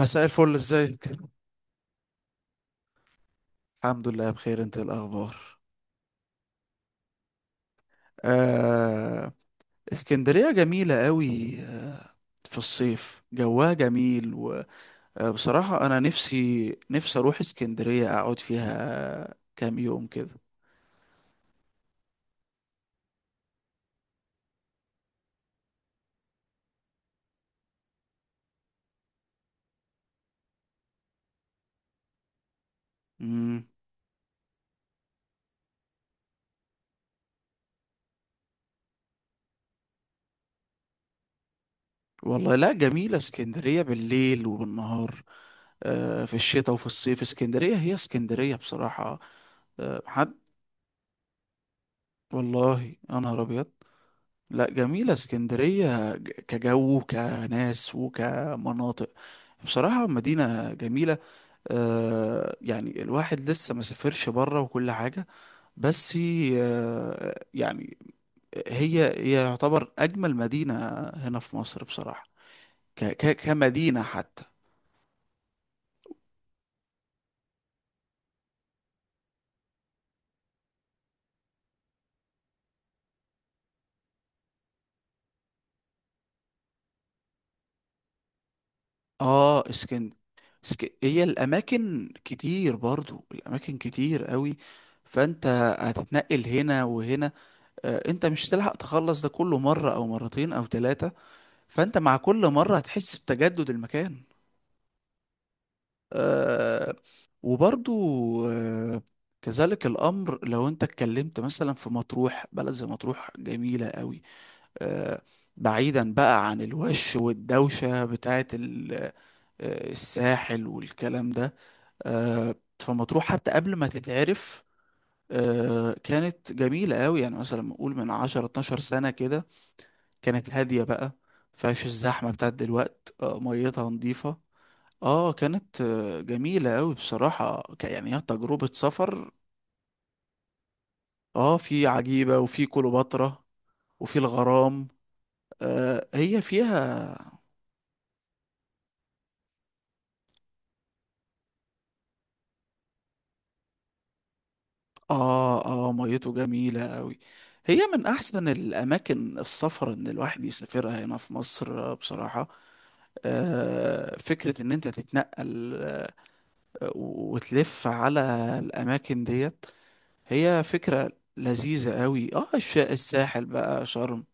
مساء الفل، ازيك؟ الحمد لله بخير، انت إيه الاخبار؟ آه. اسكندرية جميلة قوي. في الصيف جواها جميل. وبصراحة انا نفسي اروح اسكندرية اقعد فيها كام يوم كده. مم. والله لا، جميلة اسكندرية بالليل وبالنهار. آه، في الشتاء وفي الصيف اسكندرية هي اسكندرية بصراحة. آه حد والله انا ابيض. لا جميلة اسكندرية كجو كناس وكمناطق، بصراحة مدينة جميلة. يعني الواحد لسه ما سافرش بره وكل حاجة، بس. آه يعني هي يعتبر أجمل مدينة هنا في مصر بصراحة، ك ك كمدينة حتى. اه اسكند هي الأماكن كتير، برضو الأماكن كتير قوي. فأنت هتتنقل هنا وهنا، انت مش هتلحق تخلص ده كله مرة او مرتين او ثلاثة. فانت مع كل مرة هتحس بتجدد المكان. آه، وبرضو، آه، كذلك الامر لو انت اتكلمت مثلا في مطروح، بلد زي مطروح جميلة قوي. آه، بعيدا بقى عن الوش والدوشة بتاعت الساحل والكلام ده. آه، فمطروح حتى قبل ما تتعرف كانت جميلة قوي. يعني مثلا نقول من 10 12 سنة كده، كانت هادية بقى، مفيهاش الزحمة بتاعت دلوقت. ميتها نظيفة. اه كانت جميلة أوي بصراحة، يعني هي تجربة سفر. اه في عجيبة وفي كليوباترا وفي الغرام. هي فيها. اه ميته جميلة أوي. هي من أحسن الأماكن السفر إن الواحد يسافرها هنا في مصر بصراحة. فكرة إن أنت تتنقل وتلف على الأماكن ديت، هي فكرة لذيذة قوي. اه الساحل بقى، شرم.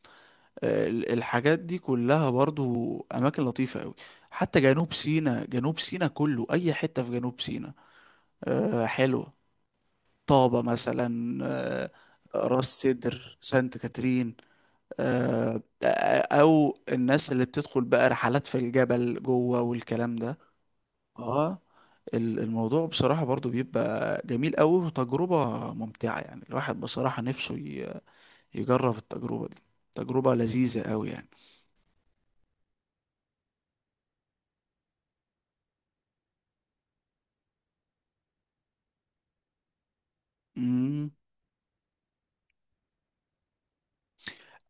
الحاجات دي كلها برضو اماكن لطيفة قوي. حتى جنوب سيناء، جنوب سيناء كله، اي حتة في جنوب سيناء حلوة. طابة مثلا، راس سدر، سانت كاترين، او الناس اللي بتدخل بقى رحلات في الجبل جوه والكلام ده. اه الموضوع بصراحة برضو بيبقى جميل قوي وتجربة ممتعة. يعني الواحد بصراحة نفسه يجرب التجربة دي، تجربة لذيذة قوي يعني. مم.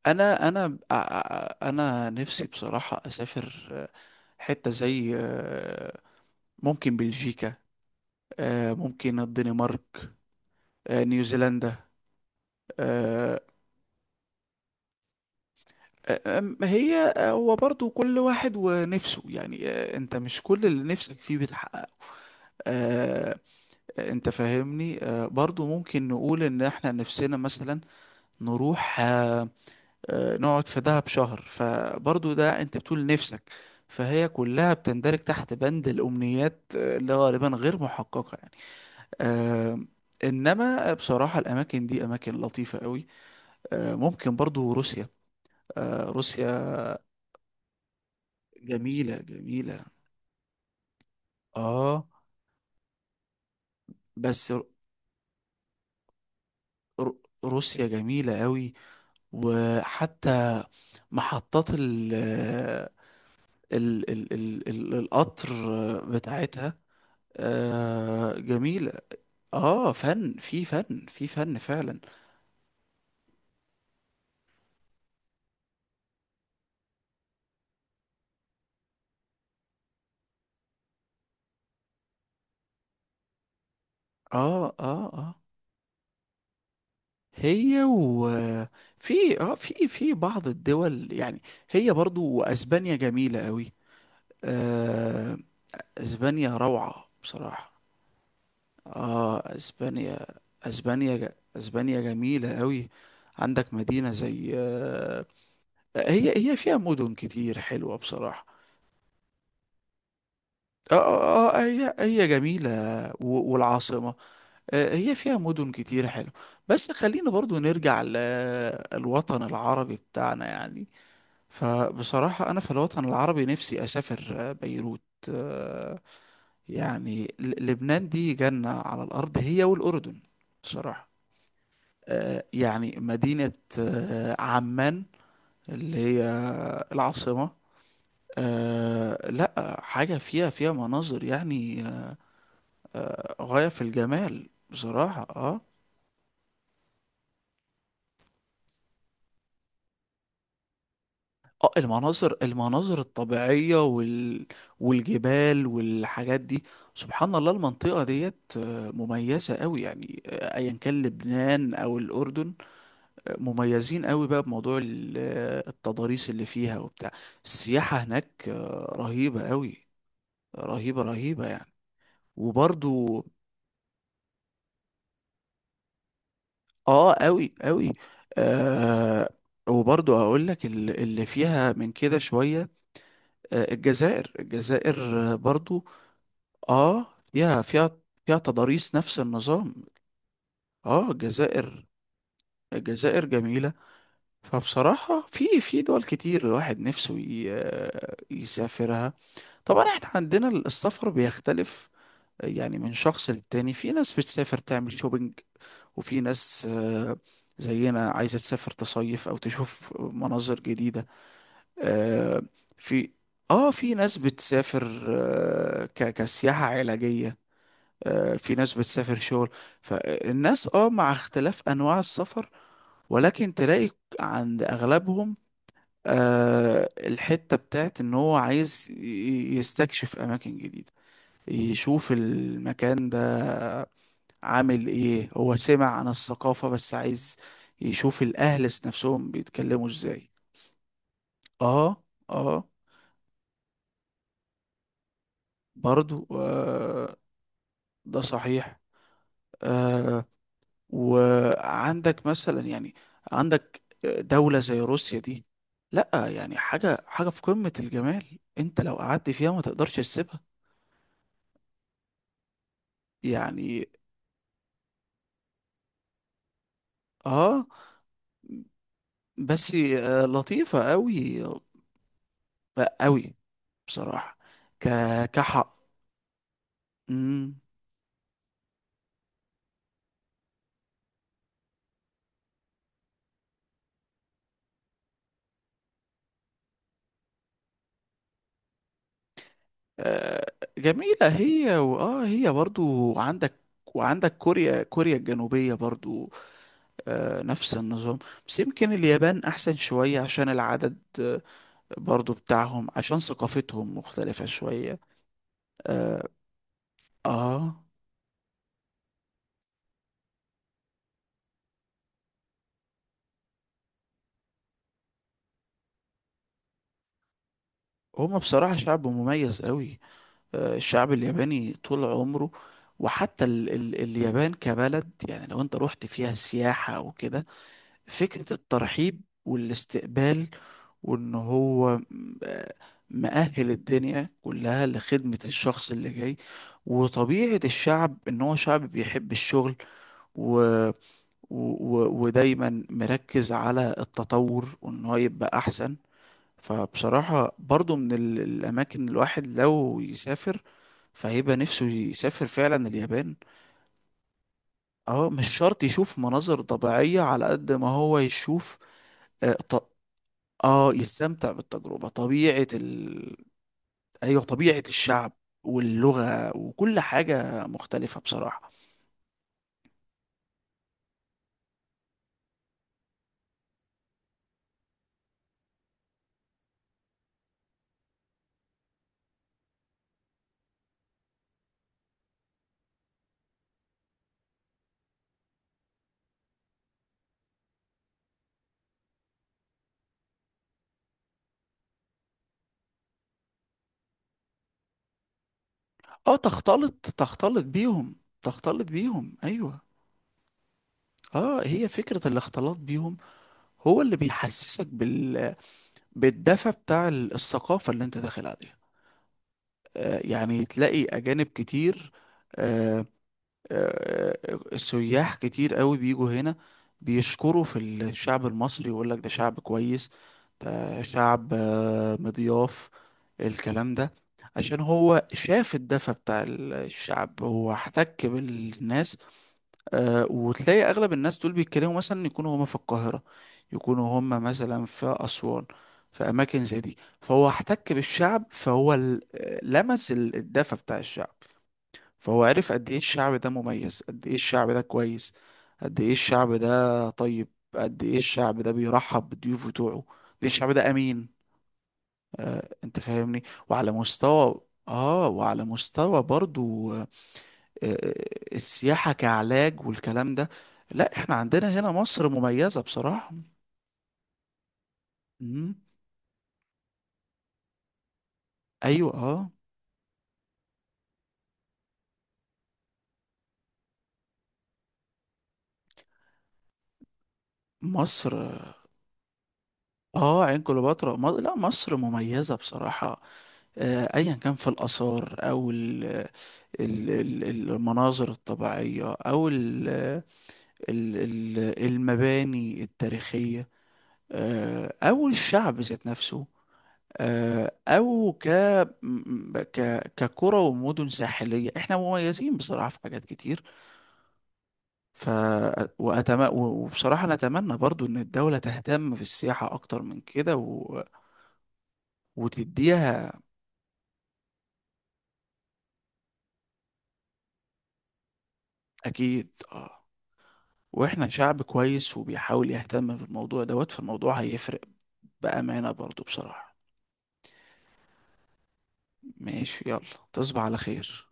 انا انا ب- ع- ع- انا نفسي بصراحة اسافر حتة زي ممكن بلجيكا، ممكن الدنمارك، نيوزيلندا. آه، آه، آم، هي هو برضو كل واحد ونفسه يعني. انت مش كل اللي نفسك فيه بتحققه. آه، انت فاهمني. برضو ممكن نقول ان احنا نفسنا مثلا نروح نقعد في دهب شهر، فبرضو ده انت بتقول نفسك. فهي كلها بتندرج تحت بند الأمنيات اللي غالبا غير محققة يعني. آه، إنما بصراحة الأماكن دي أماكن لطيفة قوي. ممكن برضو روسيا، روسيا جميلة. آه بس ر- ر- روسيا جميلة قوي. وحتى محطات ال القطر بتاعتها جميلة. اه فن في، فن في، فن فعلا. اه هي و في اه في، في بعض الدول يعني، هي برضو اسبانيا جميلة قوي. آه اسبانيا روعة بصراحة. اه اسبانيا، اسبانيا جميلة قوي. عندك مدينة زي هي، هي مدن كتير حلوة بصراحة. هي جميلة. والعاصمة، هي فيها مدن كتير حلو. بس خلينا برضو نرجع للوطن العربي بتاعنا يعني. فبصراحة أنا في الوطن العربي نفسي أسافر بيروت. آه، يعني لبنان دي جنة على الأرض، هي والأردن بصراحة. يعني مدينة عمان اللي هي العاصمة، لا حاجة. فيها فيها مناظر يعني غاية في الجمال بصراحة. المناظر، المناظر الطبيعية والجبال والحاجات دي. سبحان الله، المنطقة ديت مميزة قوي يعني. ايا كان لبنان او الاردن مميزين قوي بقى بموضوع التضاريس اللي فيها وبتاع. السياحة هناك رهيبة قوي، رهيبة يعني. وبرضو اه قوي قوي. آه وبرضو هقول لك اللي فيها من كده شوية الجزائر، الجزائر برضو. اه فيها، فيها تضاريس نفس النظام. اه الجزائر، الجزائر جميلة. فبصراحة في، في دول كتير الواحد نفسه يسافرها. طبعا احنا عندنا السفر بيختلف، يعني من شخص للتاني. في ناس بتسافر تعمل شوبينج، وفي ناس زينا عايزة تسافر تصيف او تشوف مناظر جديدة آه، في. اه في ناس بتسافر كسياحة علاجية، في ناس بتسافر شغل. فالناس اه مع اختلاف انواع السفر ولكن تلاقي عند اغلبهم الحتة بتاعت ان هو عايز يستكشف اماكن جديدة، يشوف المكان ده عامل ايه. هو سمع عن الثقافة بس عايز يشوف الاهل نفسهم بيتكلموا ازاي. اه اه. برضو ده صحيح. آه، وعندك مثلا يعني عندك دولة زي روسيا دي، لا يعني حاجة في قمة الجمال. انت لو قعدت فيها ما تقدرش تسيبها يعني. اه بس لطيفة قوي، قوي بصراحة، ك كحق. مم. آه، جميلة هي. هي برضو عندك، وعندك كوريا، كوريا الجنوبية برضو نفس النظام. بس يمكن اليابان احسن شوية عشان العدد برضو بتاعهم، عشان ثقافتهم مختلفة شوية. آه, آه هما بصراحة شعب مميز قوي. الشعب الياباني طول عمره. وحتى ال ال اليابان كبلد، يعني لو انت رحت فيها سياحة او كده، فكرة الترحيب والاستقبال وان هو مأهل الدنيا كلها لخدمة الشخص اللي جاي. وطبيعة الشعب ان هو شعب بيحب الشغل ودايما مركز على التطور وان هو يبقى احسن. فبصراحة برضو من الاماكن اللي الواحد لو يسافر فهيبقى نفسه يسافر فعلا اليابان. اه مش شرط يشوف مناظر طبيعية على قد ما هو يشوف. اه, ط- يستمتع بالتجربة، طبيعة ايوه، طبيعة الشعب واللغة وكل حاجة مختلفة بصراحة. اه تختلط بيهم، تختلط بيهم ايوه. اه هي فكرة الاختلاط بيهم، هو اللي بيحسسك بالدفى بتاع الثقافة اللي انت داخل عليها. يعني تلاقي اجانب كتير، آه آه سياح كتير قوي بيجوا هنا بيشكروا في الشعب المصري، يقول لك ده شعب كويس، ده شعب مضياف الكلام ده. عشان هو شاف الدفى بتاع الشعب، هو احتك بالناس. وتلاقي اغلب الناس دول بيتكلموا مثلا، يكونوا هما في القاهرة، يكونوا هما مثلا في اسوان، في اماكن زي دي. فهو احتك بالشعب، فهو لمس الدفى بتاع الشعب. فهو عرف قد ايه الشعب ده مميز، قد ايه الشعب ده كويس، قد ايه الشعب ده طيب، قد ايه الشعب ده بيرحب بالضيوف بتوعه، قد ايه الشعب ده امين. انت فاهمني. وعلى مستوى، اه وعلى مستوى برضو آه، السياحة كعلاج والكلام ده، لا احنا عندنا هنا مصر مميزة بصراحة. مم. ايوه اه مصر. اه عين كليوباترا. لا مصر مميزة بصراحة، ايا كان في الآثار او ال- المناظر الطبيعية او المباني التاريخية او الشعب ذات نفسه او ك كقرى ومدن ساحليه، احنا مميزين بصراحه في حاجات كتير. ف وبصراحه انا اتمنى برضو ان الدوله تهتم بالسياحه اكتر من كده وتديها. اكيد اه. واحنا شعب كويس وبيحاول يهتم بالموضوع دوت، فالموضوع هيفرق بامانه برضو بصراحه. ماشي يلا، تصبح على خير.